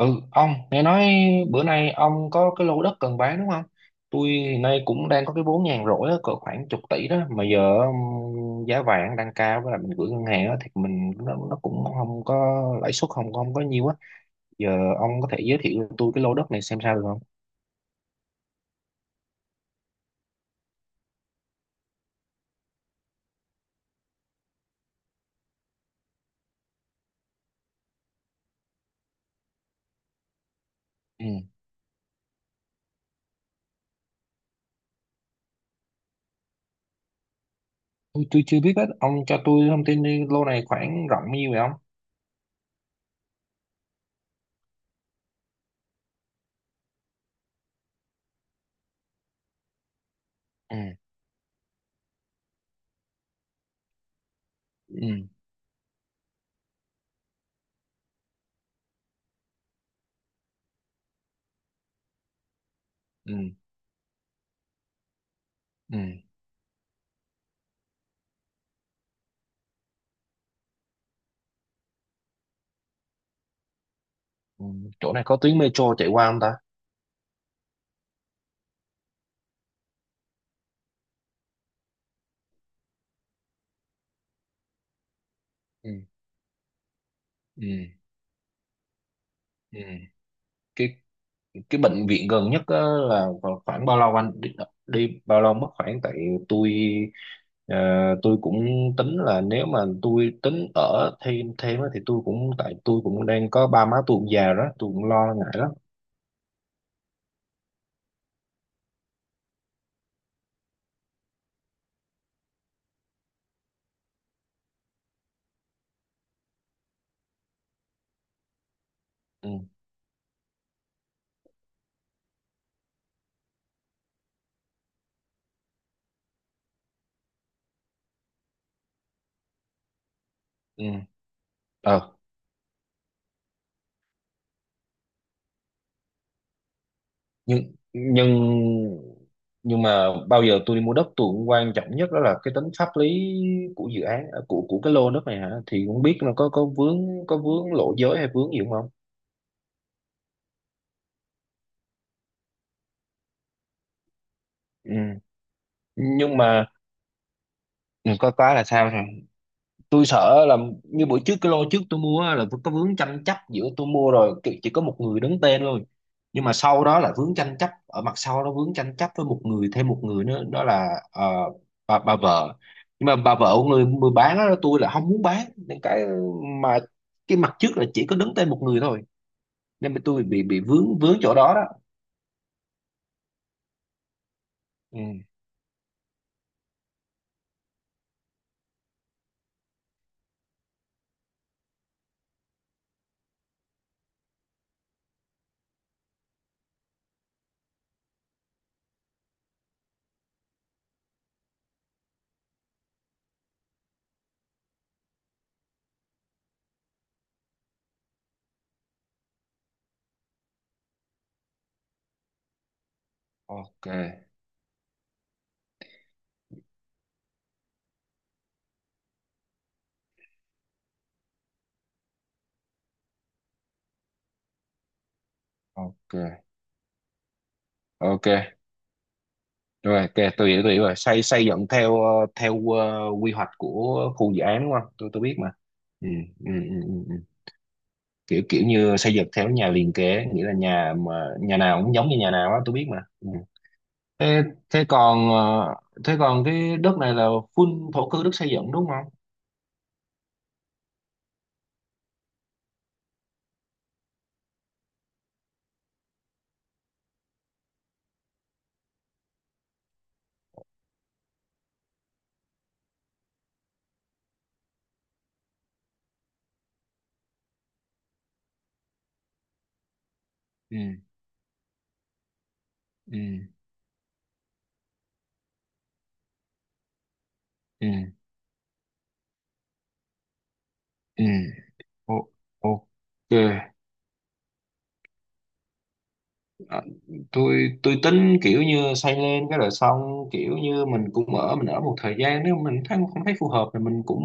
Ừ, ông, nghe nói bữa nay ông có cái lô đất cần bán đúng không? Tôi hiện nay cũng đang có cái vốn nhàn rỗi á, cỡ khoảng chục tỷ đó, mà giờ giá vàng đang cao với lại mình gửi ngân hàng á, thì mình nó cũng không có lãi suất không không có nhiều á. Giờ ông có thể giới thiệu cho tôi cái lô đất này xem sao được không? Ừ. Tôi chưa biết hết, ông cho tôi thông tin đi, lô này khoảng rộng bao nhiêu vậy ông? Ừ. Ừ. Ừ. Ừ. Ừ. Chỗ này có tuyến metro chạy qua không ta? Ừ. Ừ. Ừ. Cái cái bệnh viện gần nhất á, là còn khoảng bao lâu anh đi bao lâu mất khoảng, tại tôi, ờ, tôi cũng tính là nếu mà tôi tính ở thêm thêm á, thì tôi cũng, tại tôi cũng đang có ba má tôi cũng già rồi đó, tôi cũng lo ngại lắm. Ừ. ừ ờ nhưng nhưng nhưng mà bao giờ tôi đi mua đất tôi cũng quan trọng nhất đó là cái tính pháp lý của dự án à, của cái lô đất này hả, thì cũng biết là có vướng lộ giới hay vướng gì không. Ừ. Nhưng mà ừ, có là sao rồi. Tôi sợ là như buổi trước cái lô trước tôi mua á, là vẫn có vướng tranh chấp, giữa tôi mua rồi chỉ có một người đứng tên thôi, nhưng mà sau đó là vướng tranh chấp ở mặt sau, nó vướng tranh chấp với một người, thêm một người nữa, đó là, bà vợ. Nhưng mà bà vợ của người người bán đó, tôi là không muốn bán, nên cái, mà cái mặt trước là chỉ có đứng tên một người thôi, nên mà tôi bị vướng vướng chỗ đó đó. Ừ, ok, ok, ok rồi kìa, tôi hiểu, tôi hiểu rồi, xây xây dựng theo, theo quy hoạch của khu dự án đúng không, tôi biết mà. Ừ, ừ, ừ, ừ. Ừ. kiểu kiểu như xây dựng theo nhà liền kề, nghĩa là nhà nào cũng giống như nhà nào á, tôi biết mà. Ừ. thế thế còn ờ, thế còn cái đất này là full thổ cư, đất xây dựng đúng không? Ừ, ừ, ừ, ừ. O- ok. À, tôi tính kiểu như xây lên cái rồi xong, kiểu như mình cũng ở, mình ở một thời gian, nếu mình thấy không thấy phù hợp thì mình cũng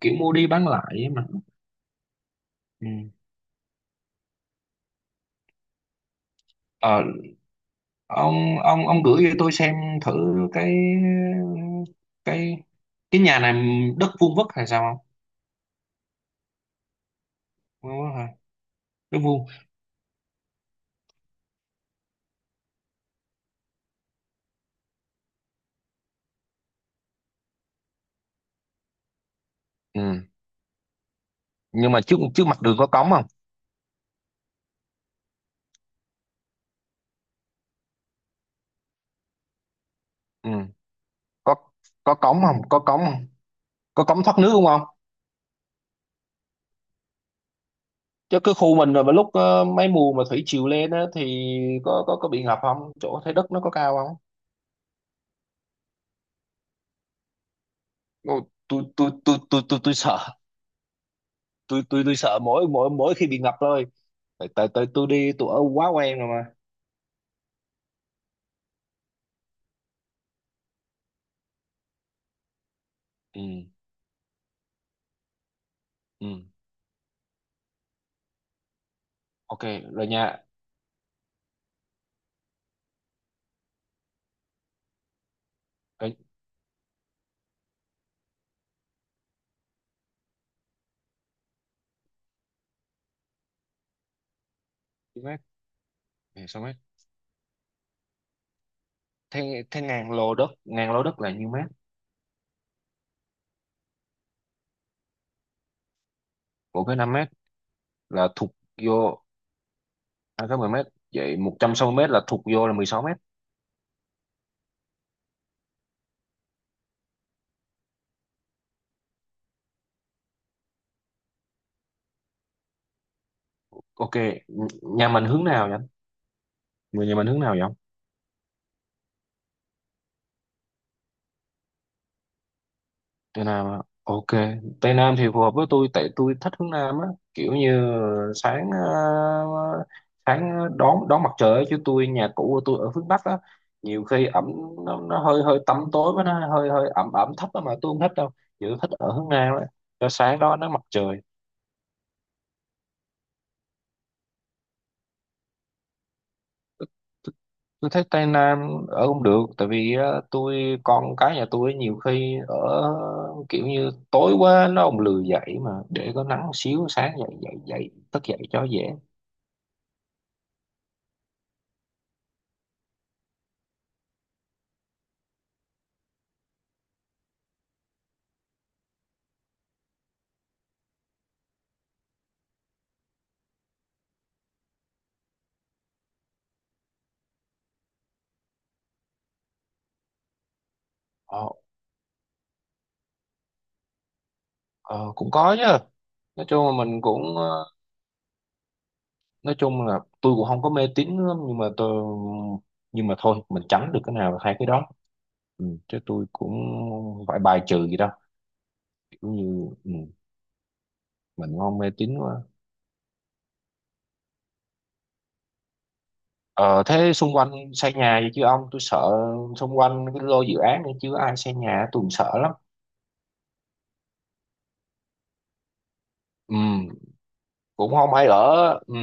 kiểu mua đi bán lại ấy mà. Ừ. Ờ, ông gửi cho tôi xem thử cái cái cái nhà này đất vuông vức hay sao. Không vuông vức hả? Đất vuông. Ừ. Nhưng mà trước trước mặt đường có cống không? Ừ. có có cống không, có cống không, có cống thoát nước không? Chứ cái khu mình rồi, mà lúc, mấy mùa mà thủy triều lên á thì có bị ngập không, chỗ Thái Đức nó có cao không? Ồ, tôi sợ. Tôi sợ mỗi mỗi mỗi khi bị ngập thôi, tại tại tại tôi ở quá quen rồi mà. Ừ, ừ, ok rồi nha. Rồi, nhiêu mét? Nè, sao mét? Thế thế ngàn lô đất là nhiêu mét? Của cái 5 mét là thuộc vô, à, cái 10 mét, vậy 160 mét là thuộc vô là 16 mét. Ok. Nhà mình hướng nào vậy? Người nhà mình hướng nào vậy? Tây Nam á. Ok, Tây Nam thì phù hợp với tôi, tại tôi thích hướng Nam á, kiểu như sáng, sáng đón đón mặt trời á, chứ tôi nhà cũ của tôi ở hướng Bắc á, nhiều khi ẩm, nó hơi hơi tăm tối, với nó hơi hơi ẩm ẩm thấp á, mà tôi không thích đâu, chỉ thích ở hướng Nam á, cho sáng đó nó mặt trời. Tôi, tôi thấy Tây Nam ở không được, tại vì, tôi con cái nhà tôi nhiều khi ở kiểu như tối quá nó không lười dậy, mà để có nắng xíu sáng dậy dậy dậy thức dậy cho dễ. Ờ, ờ, cũng có chứ. Nói chung là mình cũng, nói chung là tôi cũng không có mê tín lắm, nhưng mà tôi, nhưng mà thôi mình tránh được cái nào là hai cái đó. Ừ, chứ tôi cũng không phải bài trừ gì đâu, cũng như, ừ, mình không mê tín quá. Ờ, thế xung quanh xây nhà gì chứ ông, tôi sợ, xung quanh cái lô dự án này chứ ai xây nhà tôi cũng sợ lắm. Ừ, cũng không hay ở. Ừ,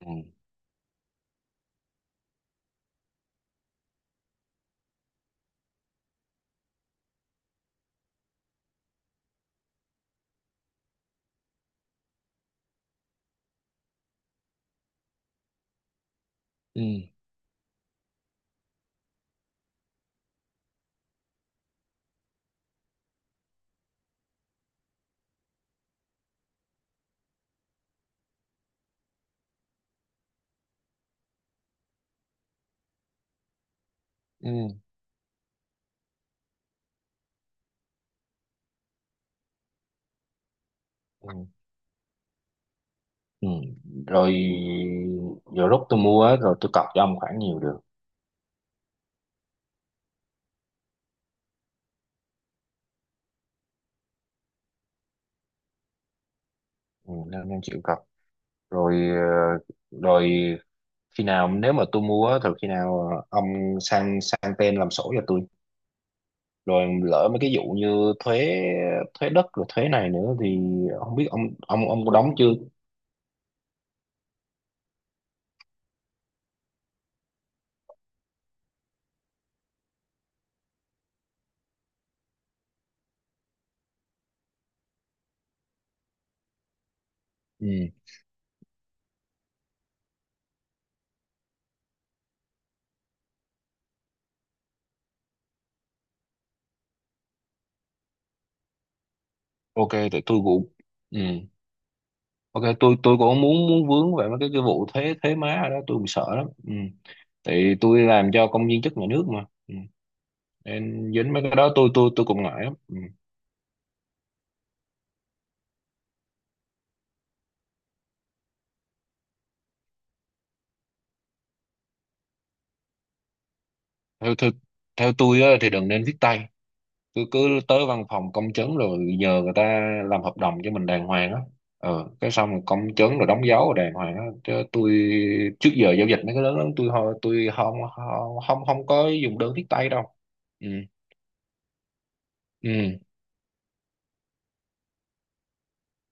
ừ, ừ, ừ, ừ. Ừ. Rồi, giờ lúc tôi mua á, rồi tôi cọc cho ông khoảng nhiều được? Ừ, 500 triệu cặp. Rồi, ờ, rồi khi nào nếu mà tôi mua á, thì khi nào, ờ, ông sang sang tên làm sổ cho tôi, rồi lỡ mấy cái vụ như thuế, thuế đất rồi thuế này nữa thì không biết ông, ông có đóng chưa? Ừ. Ok, tại tôi cũng, ừ, ok tôi cũng muốn muốn vướng về mấy cái vụ thuế thuế má ở đó tôi cũng sợ lắm. Ừ. Tại tôi làm cho công viên chức nhà nước mà. Ừ. Nên dính mấy cái đó tôi cũng ngại lắm. Ừ. theo, theo Theo tôi á, thì đừng nên viết tay, cứ cứ tới văn phòng công chứng rồi nhờ người ta làm hợp đồng cho mình đàng hoàng á, ờ cái xong rồi công chứng rồi đóng dấu rồi đàng hoàng á, chứ tôi trước giờ giao dịch mấy cái lớn lớn tôi, tôi không không không không có dùng đơn viết tay đâu. Ừ, ừ,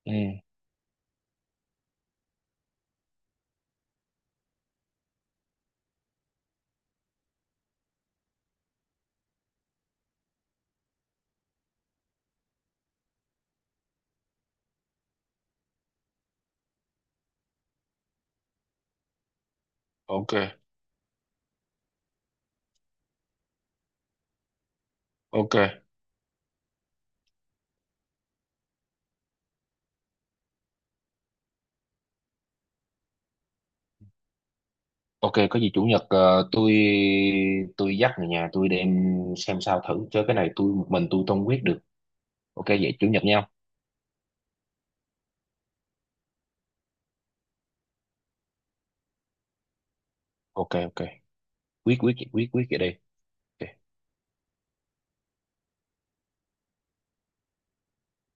ừ. Ok, ok, ok, có gì chủ nhật, tôi dắt người nhà tôi đem xem sao thử, chứ cái này tôi một mình tôi không quyết được. Ok, vậy chủ nhật nhau. Ok, ok. Quyết quyết quyết quyết vậy đi. Ok.